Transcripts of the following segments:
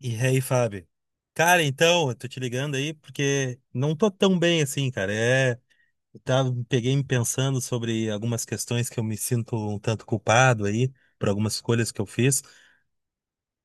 E aí, Fábio? Cara, então, eu tô te ligando aí porque não tô tão bem assim, cara. Eu tava, peguei me pensando sobre algumas questões que eu me sinto um tanto culpado aí por algumas escolhas que eu fiz.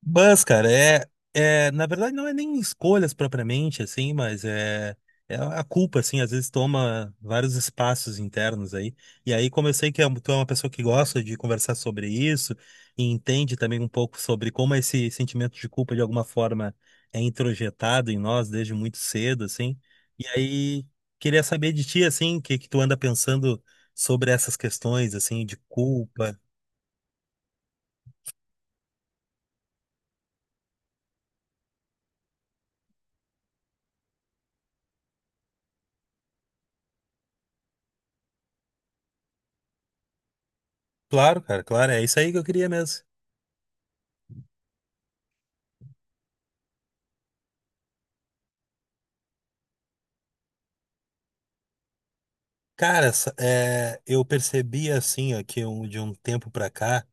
Mas, cara, na verdade não é nem escolhas propriamente, assim, mas é a culpa, assim, às vezes toma vários espaços internos aí. E aí, como eu sei que tu é uma pessoa que gosta de conversar sobre isso e entende também um pouco sobre como esse sentimento de culpa, de alguma forma, é introjetado em nós desde muito cedo, assim. E aí, queria saber de ti, assim, o que que tu anda pensando sobre essas questões, assim, de culpa. Claro, cara, claro, é isso aí que eu queria mesmo. Cara, eu percebi assim, ó, que de um tempo pra cá,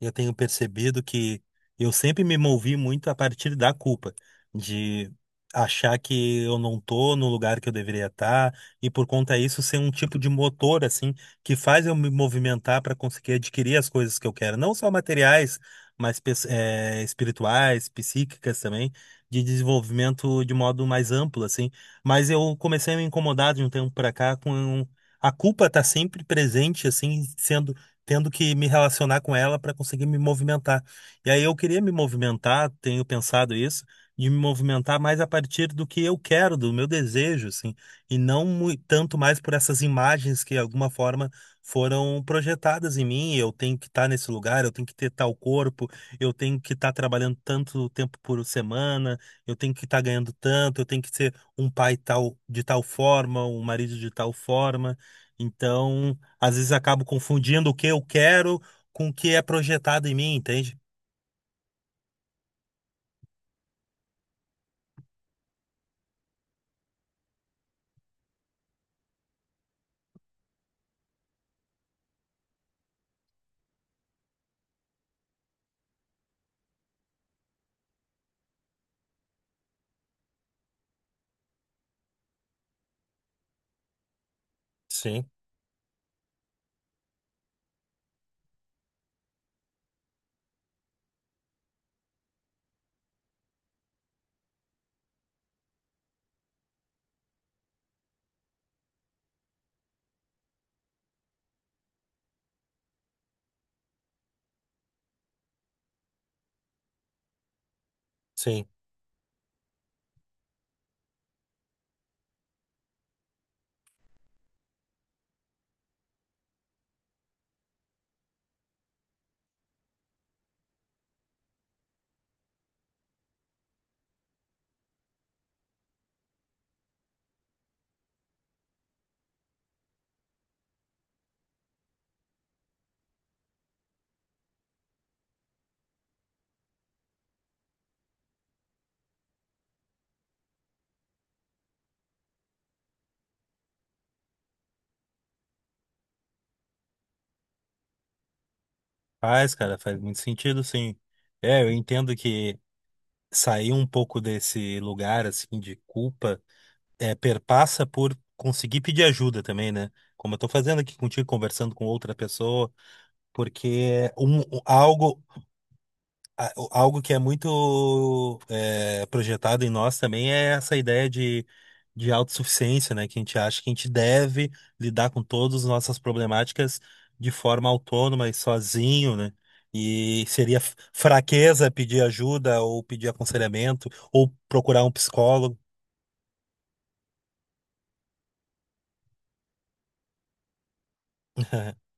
eu tenho percebido que eu sempre me movi muito a partir da culpa, de achar que eu não tô no lugar que eu deveria estar, e por conta disso ser um tipo de motor, assim, que faz eu me movimentar para conseguir adquirir as coisas que eu quero, não só materiais, mas espirituais, psíquicas também, de desenvolvimento de modo mais amplo, assim. Mas eu comecei a me incomodar de um tempo para cá com a culpa está sempre presente, assim, sendo, tendo que me relacionar com ela para conseguir me movimentar. E aí eu queria me movimentar, tenho pensado isso, de me movimentar mais a partir do que eu quero, do meu desejo, assim, e não tanto mais por essas imagens que, de alguma forma, foram projetadas em mim. Eu tenho que estar nesse lugar, eu tenho que ter tal corpo, eu tenho que estar trabalhando tanto tempo por semana, eu tenho que estar ganhando tanto, eu tenho que ser um pai tal de tal forma, um marido de tal forma. Então, às vezes acabo confundindo o que eu quero com o que é projetado em mim, entende? Sim, sim. Faz, cara, faz muito sentido, sim. É, eu entendo que sair um pouco desse lugar, assim, de culpa, é, perpassa por conseguir pedir ajuda também, né? Como eu tô fazendo aqui contigo, conversando com outra pessoa, porque Algo que é muito projetado em nós também é essa ideia de autossuficiência, né? Que a gente acha que a gente deve lidar com todas as nossas problemáticas de forma autônoma e sozinho, né? E seria fraqueza pedir ajuda ou pedir aconselhamento ou procurar um psicólogo.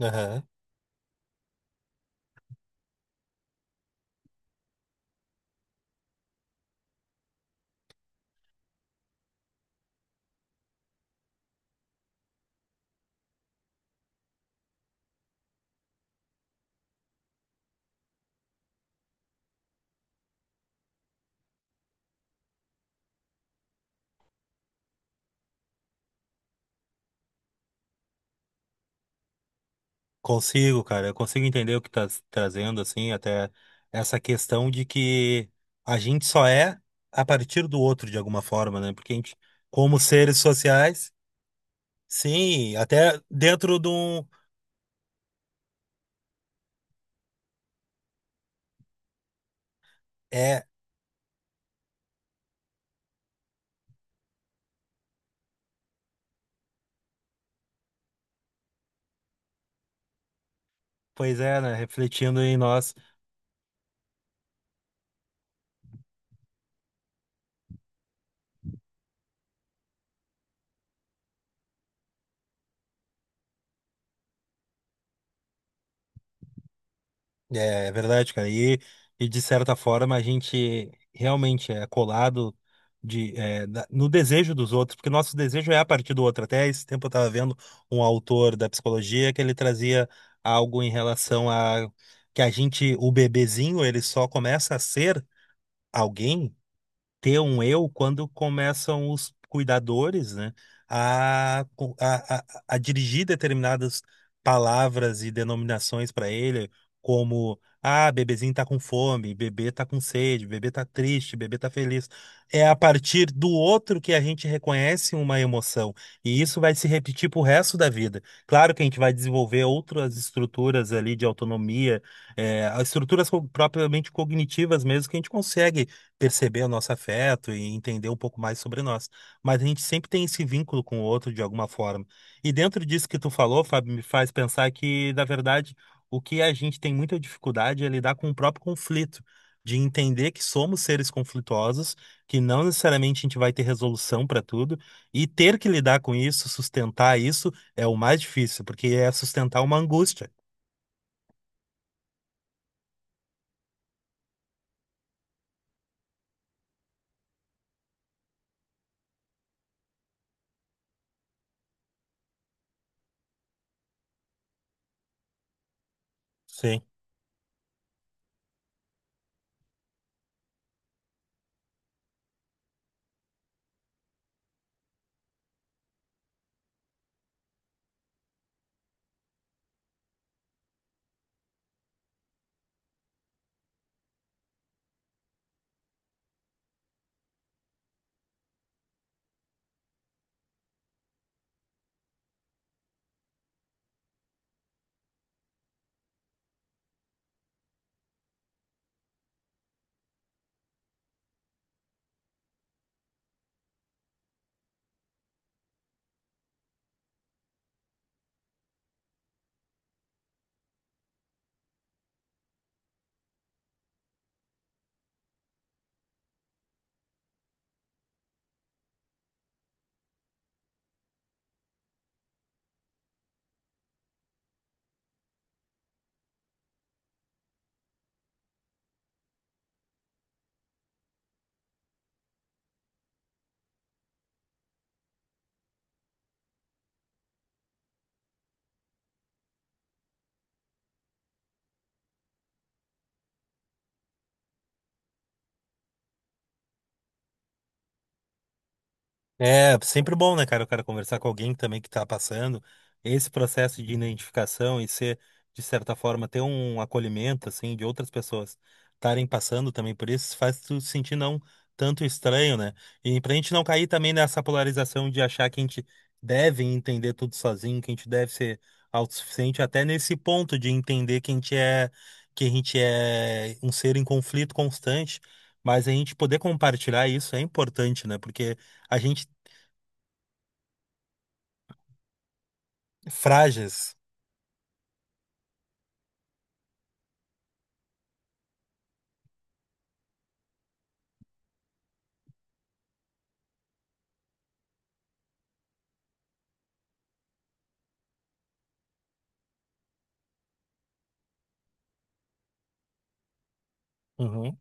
Aham. Consigo, cara, eu consigo entender o que trazendo, assim, até essa questão de que a gente só é a partir do outro, de alguma forma, né? Porque a gente, como seres sociais, sim, até dentro de um. É, pois é, né? Refletindo em nós. É, é verdade, cara. E de certa forma a gente realmente é colado no desejo dos outros, porque nosso desejo é a partir do outro. Até esse tempo eu estava vendo um autor da psicologia que ele trazia algo em relação a que a gente, o bebezinho, ele só começa a ser alguém ter um eu quando começam os cuidadores, né, a, co- a dirigir determinadas palavras e denominações para ele, como ah, bebezinho tá com fome, bebê tá com sede, bebê tá triste, bebê tá feliz. É a partir do outro que a gente reconhece uma emoção, e isso vai se repetir pro resto da vida. Claro que a gente vai desenvolver outras estruturas ali de autonomia, as estruturas propriamente cognitivas mesmo que a gente consegue perceber o nosso afeto e entender um pouco mais sobre nós. Mas a gente sempre tem esse vínculo com o outro de alguma forma. E dentro disso que tu falou, Fábio, me faz pensar que, na verdade, o que a gente tem muita dificuldade é lidar com o próprio conflito, de entender que somos seres conflituosos, que não necessariamente a gente vai ter resolução para tudo, e ter que lidar com isso, sustentar isso, é o mais difícil, porque é sustentar uma angústia. Sim. É sempre bom, né, cara, o cara conversar com alguém também que tá passando esse processo de identificação e ser, de certa forma, ter um acolhimento, assim, de outras pessoas estarem passando também por isso, faz tu se sentir não tanto estranho, né? E pra gente não cair também nessa polarização de achar que a gente deve entender tudo sozinho, que a gente deve ser autossuficiente, até nesse ponto de entender que que a gente é um ser em conflito constante, mas a gente poder compartilhar isso é importante, né? Porque a gente Frages. Uhum.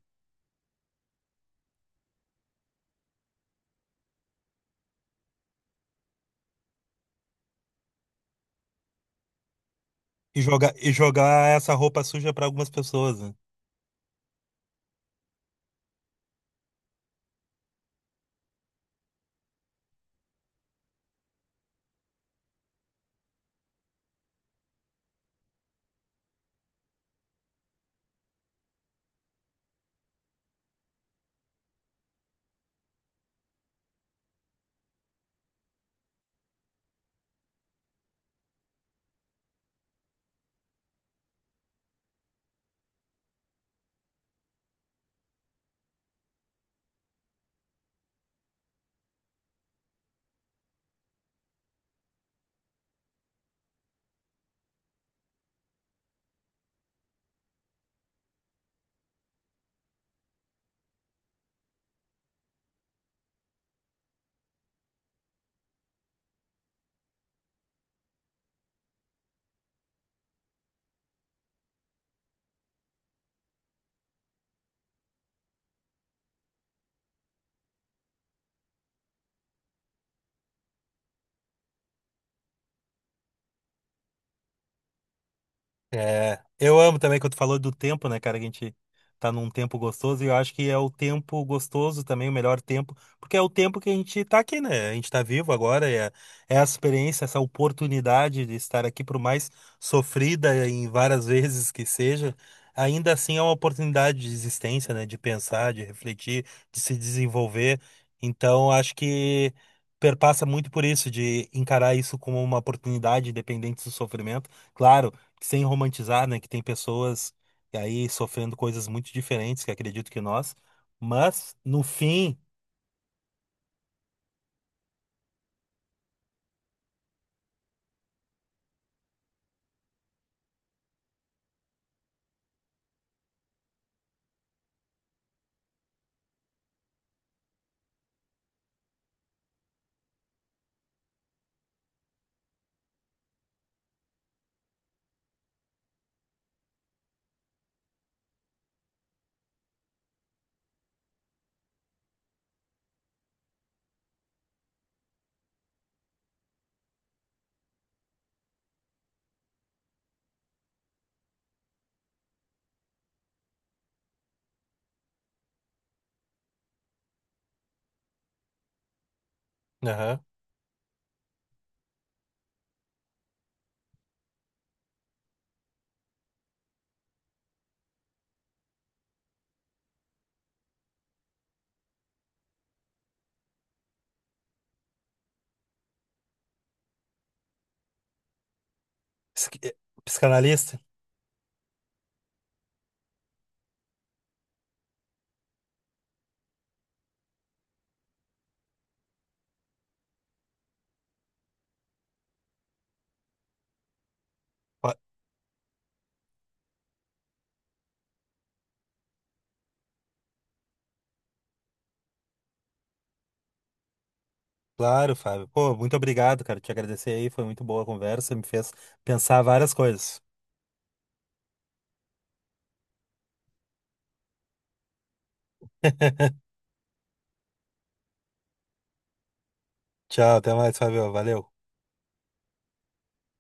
E jogar essa roupa suja para algumas pessoas. Né? É, eu amo também quando tu falou do tempo, né, cara? Que a gente tá num tempo gostoso e eu acho que é o tempo gostoso também, o melhor tempo, porque é o tempo que a gente tá aqui, né? A gente tá vivo agora, é a experiência, essa oportunidade de estar aqui, por mais sofrida em várias vezes que seja, ainda assim é uma oportunidade de existência, né? De pensar, de refletir, de se desenvolver. Então, acho que perpassa muito por isso, de encarar isso como uma oportunidade, independente do sofrimento. Claro sem romantizar, né, que tem pessoas aí sofrendo coisas muito diferentes, que acredito que nós, mas no fim, aham, psiqui- eh, psicanalista, Ó, claro, Fábio, pô, muito obrigado, cara, te agradecer aí, foi muito boa a conversa, me fez pensar várias coisas. Tchau, até mais, Fábio, valeu.